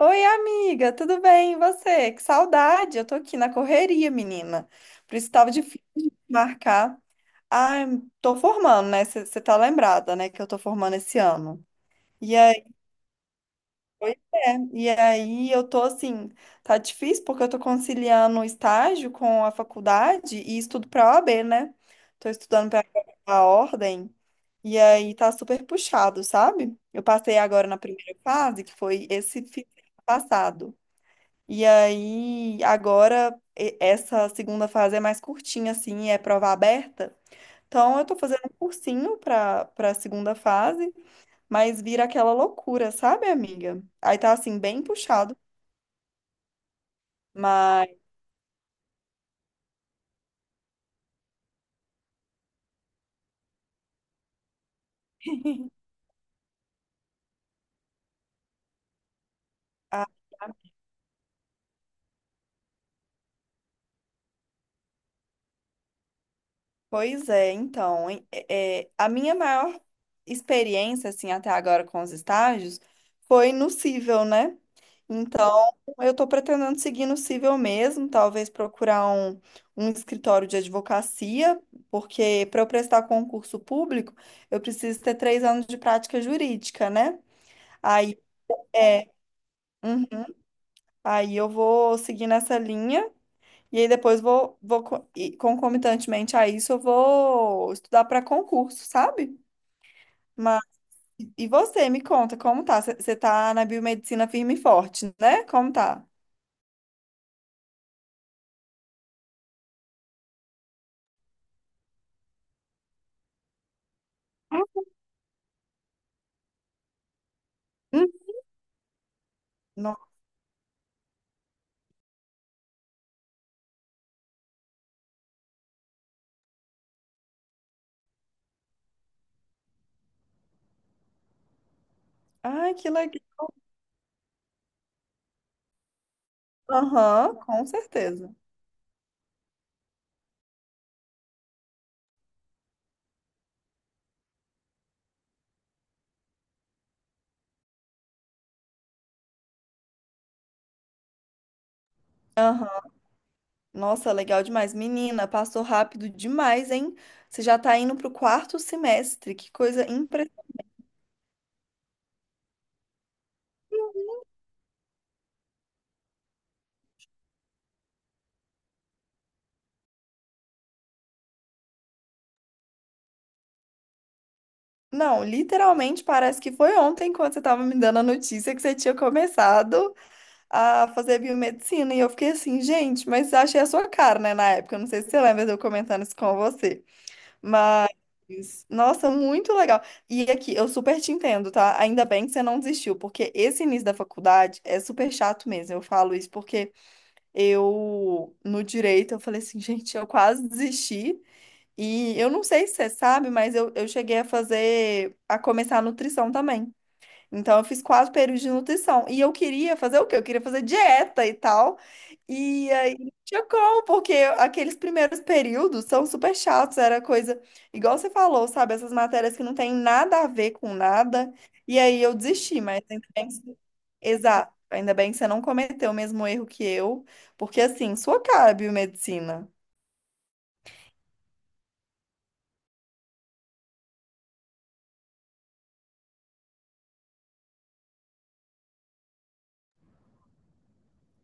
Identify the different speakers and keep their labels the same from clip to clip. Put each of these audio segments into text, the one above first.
Speaker 1: Oi, amiga, tudo bem? E você? Que saudade! Eu tô aqui na correria, menina. Por isso tava difícil de marcar. Ah, eu tô formando, né? Você tá lembrada, né? Que eu tô formando esse ano. E aí, pois é. E aí eu tô assim, tá difícil porque eu tô conciliando o estágio com a faculdade e estudo pra OAB, né? Tô estudando pra a ordem. E aí tá super puxado, sabe? Eu passei agora na primeira fase, que foi esse fim de semana passado. E aí, agora, essa segunda fase é mais curtinha, assim, é prova aberta. Então, eu tô fazendo um cursinho pra segunda fase, mas vira aquela loucura, sabe, amiga? Aí tá, assim, bem puxado, mas Ah, pois é, então, a minha maior experiência, assim, até agora com os estágios foi no Cível, né? Então, eu estou pretendendo seguir no Cível mesmo, talvez procurar um, um escritório de advocacia, porque para eu prestar concurso público, eu preciso ter 3 anos de prática jurídica, né? Aí, é, uhum, aí eu vou seguir nessa linha. E aí depois e concomitantemente a isso, eu vou estudar para concurso, sabe? Mas, e você, me conta, como tá? Você tá na biomedicina firme e forte, né? Como tá? Hum. No- Ai, que legal. Aham, com certeza. Aham. Nossa, legal demais. Menina, passou rápido demais, hein? Você já tá indo pro quarto semestre. Que coisa impressionante. Não, literalmente parece que foi ontem quando você tava me dando a notícia que você tinha começado a fazer biomedicina. E eu fiquei assim, gente, mas achei a sua cara, né, na época. Eu não sei se você lembra de eu comentando isso com você. Mas, nossa, muito legal. E aqui, eu super te entendo, tá? Ainda bem que você não desistiu, porque esse início da faculdade é super chato mesmo. Eu falo isso porque eu, no direito, eu falei assim, gente, eu quase desisti. E eu não sei se você sabe, mas eu cheguei a fazer, a começar a nutrição também. Então, eu fiz 4 períodos de nutrição. E eu queria fazer o quê? Eu queria fazer dieta e tal. E aí, não tinha como, porque aqueles primeiros períodos são super chatos. Era coisa, igual você falou, sabe? Essas matérias que não tem nada a ver com nada. E aí, eu desisti, mas ainda bem que... Exato. Ainda bem que você não cometeu o mesmo erro que eu. Porque, assim, sua cara, biomedicina.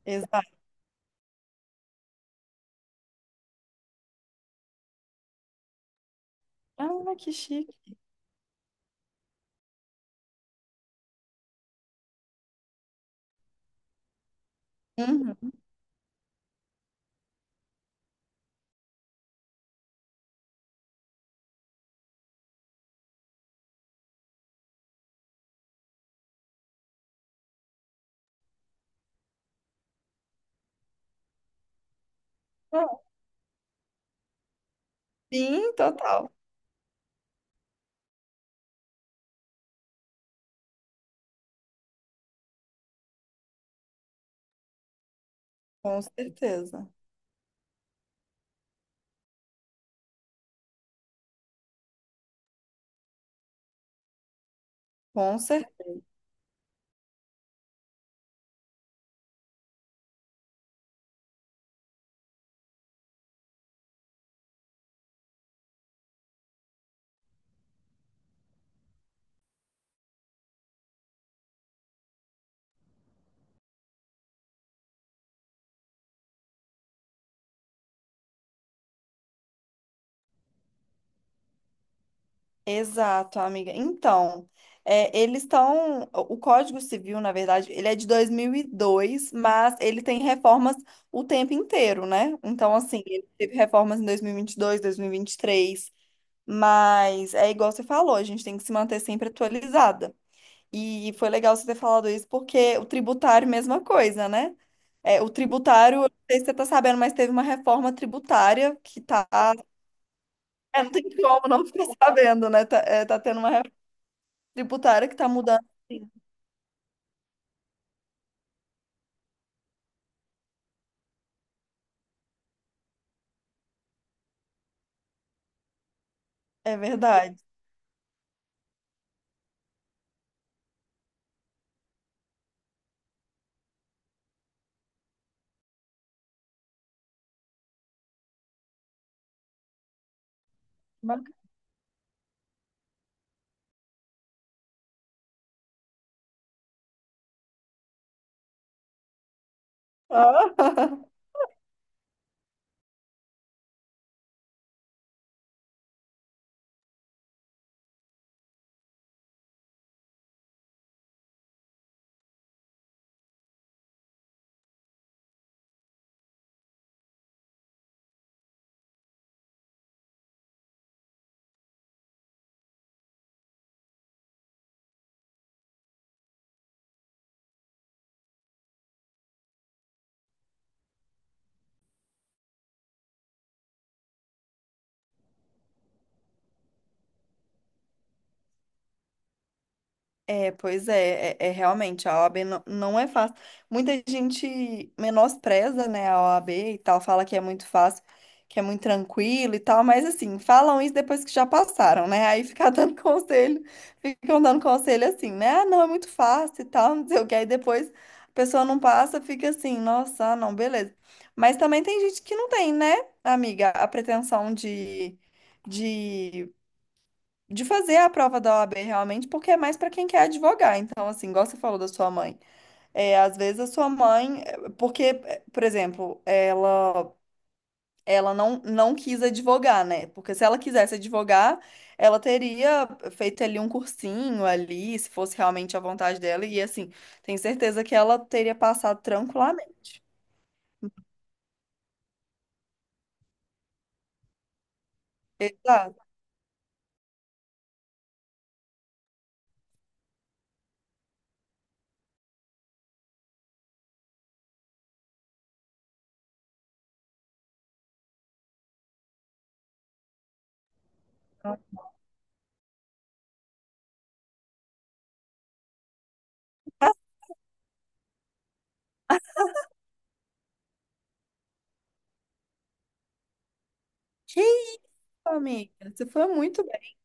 Speaker 1: Exato. Ah, que chique. Uhum. Sim, total. Com certeza. Com certeza. Exato, amiga. Então, é, eles estão. O Código Civil, na verdade, ele é de 2002, mas ele tem reformas o tempo inteiro, né? Então, assim, ele teve reformas em dois mil e vinte e dois, dois mil e vinte e três, mas é igual você falou, a gente tem que se manter sempre atualizada. E foi legal você ter falado isso, porque o tributário, mesma coisa, né? É, o tributário, eu não sei se você tá sabendo, mas teve uma reforma tributária que tá. É, não tem como não ficar sabendo, né? Tá, é, tá tendo uma tributária que tá mudando. Sim. É verdade. Bacana. É, pois é, é, é realmente, a OAB não, não é fácil. Muita gente menospreza, né, a OAB e tal, fala que é muito fácil, que é muito tranquilo e tal, mas assim, falam isso depois que já passaram, né? Aí ficar dando conselho, ficam dando conselho assim, né? Ah, não, é muito fácil e tal, não sei o que. Aí depois a pessoa não passa, fica assim, nossa, ah, não, beleza. Mas também tem gente que não tem, né, amiga, a pretensão de. De de fazer a prova da OAB realmente, porque é mais para quem quer advogar. Então, assim, igual você falou da sua mãe, é, às vezes a sua mãe, é, porque, é, por exemplo, ela não, não quis advogar, né? Porque se ela quisesse advogar, ela teria feito ali um cursinho ali, se fosse realmente a vontade dela, e assim, tenho certeza que ela teria passado tranquilamente. Exato. Que isso, amiga? Você foi muito bem.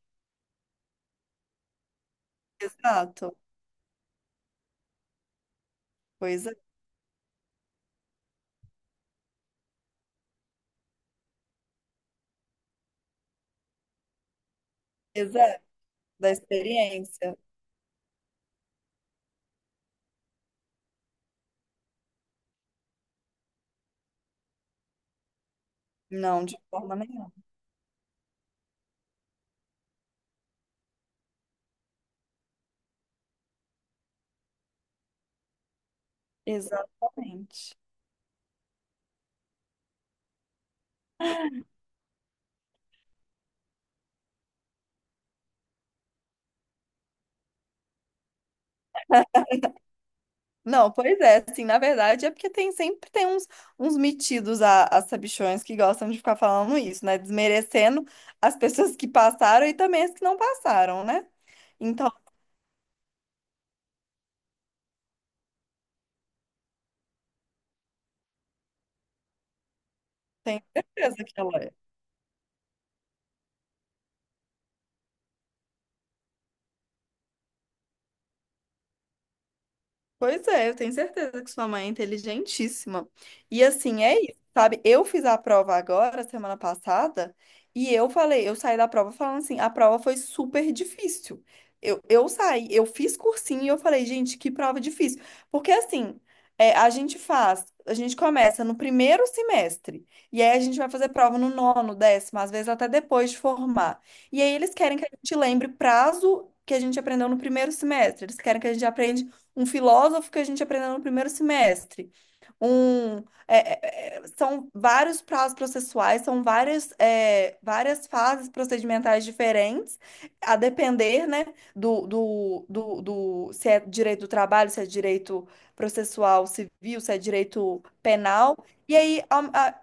Speaker 1: Exato. Pois é, exato. Da experiência. Não, de forma nenhuma. Exatamente. Não, pois é, assim, na verdade é porque tem sempre tem uns, metidos a sabichões que gostam de ficar falando isso, né? Desmerecendo as pessoas que passaram e também as que não passaram, né? Então, tenho certeza que ela é. Pois é, eu tenho certeza que sua mãe é inteligentíssima. E assim, é isso, sabe? Eu fiz a prova agora, semana passada, e eu falei, eu saí da prova falando assim, a prova foi super difícil. Eu saí, eu fiz cursinho e eu falei, gente, que prova difícil. Porque assim, é, a gente faz, a gente começa no primeiro semestre, e aí a gente vai fazer prova no nono, décimo, às vezes até depois de formar. E aí eles querem que a gente lembre prazo que a gente aprendeu no primeiro semestre, eles querem que a gente aprenda um filósofo que a gente aprendeu no primeiro semestre. Um, são vários prazos processuais, são várias, é, várias fases procedimentais diferentes, a depender, né, se é direito do trabalho, se é direito processual civil, se é direito penal. E aí, a-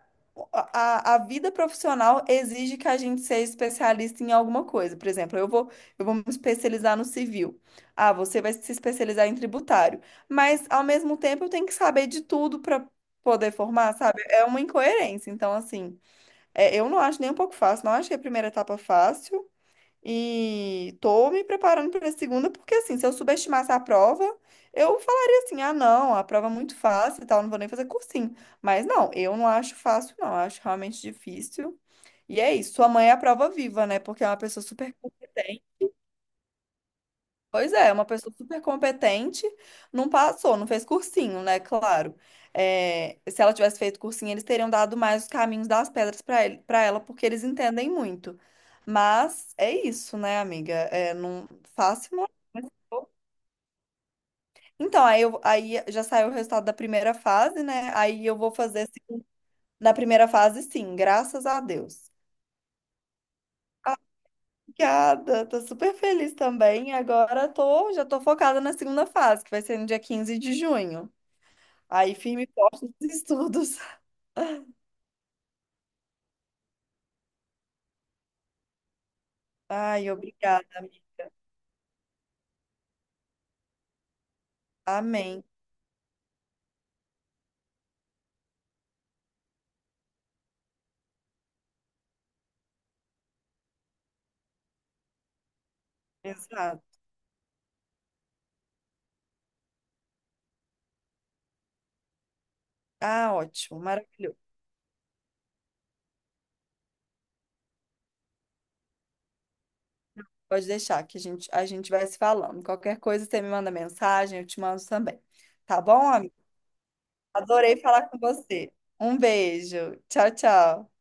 Speaker 1: a vida profissional exige que a gente seja especialista em alguma coisa. Por exemplo, eu vou me especializar no civil. Ah, você vai se especializar em tributário. Mas, ao mesmo tempo, eu tenho que saber de tudo para poder formar, sabe? É uma incoerência. Então, assim, é, eu não acho nem um pouco fácil. Não achei a primeira etapa fácil. E tô me preparando para a segunda, porque, assim, se eu subestimasse a prova, eu falaria assim: ah, não, a prova é muito fácil e tal, não vou nem fazer cursinho. Mas, não, eu não acho fácil, não. Eu acho realmente difícil. E é isso. Sua mãe é a prova viva, né? Porque é uma pessoa super competente. Pois é, uma pessoa super competente, não passou, não fez cursinho, né? Claro. É, se ela tivesse feito cursinho, eles teriam dado mais os caminhos das pedras para ele, para ela, porque eles entendem muito. Mas é isso, né, amiga? É, não fácil não. É. Então, aí já saiu o resultado da primeira fase, né? Aí eu vou fazer assim, na primeira fase, sim, graças a Deus. Ah, obrigada, tô super feliz também. Agora tô, já tô focada na segunda fase, que vai ser no dia 15 de junho. Aí, firme e forte nos estudos. Ai, obrigada, amiga. Amém. Exato. Ah, ótimo, maravilhoso. Pode deixar que a gente vai se falando. Qualquer coisa, você me manda mensagem, eu te mando também. Tá bom, amiga? Adorei falar com você. Um beijo. Tchau, tchau.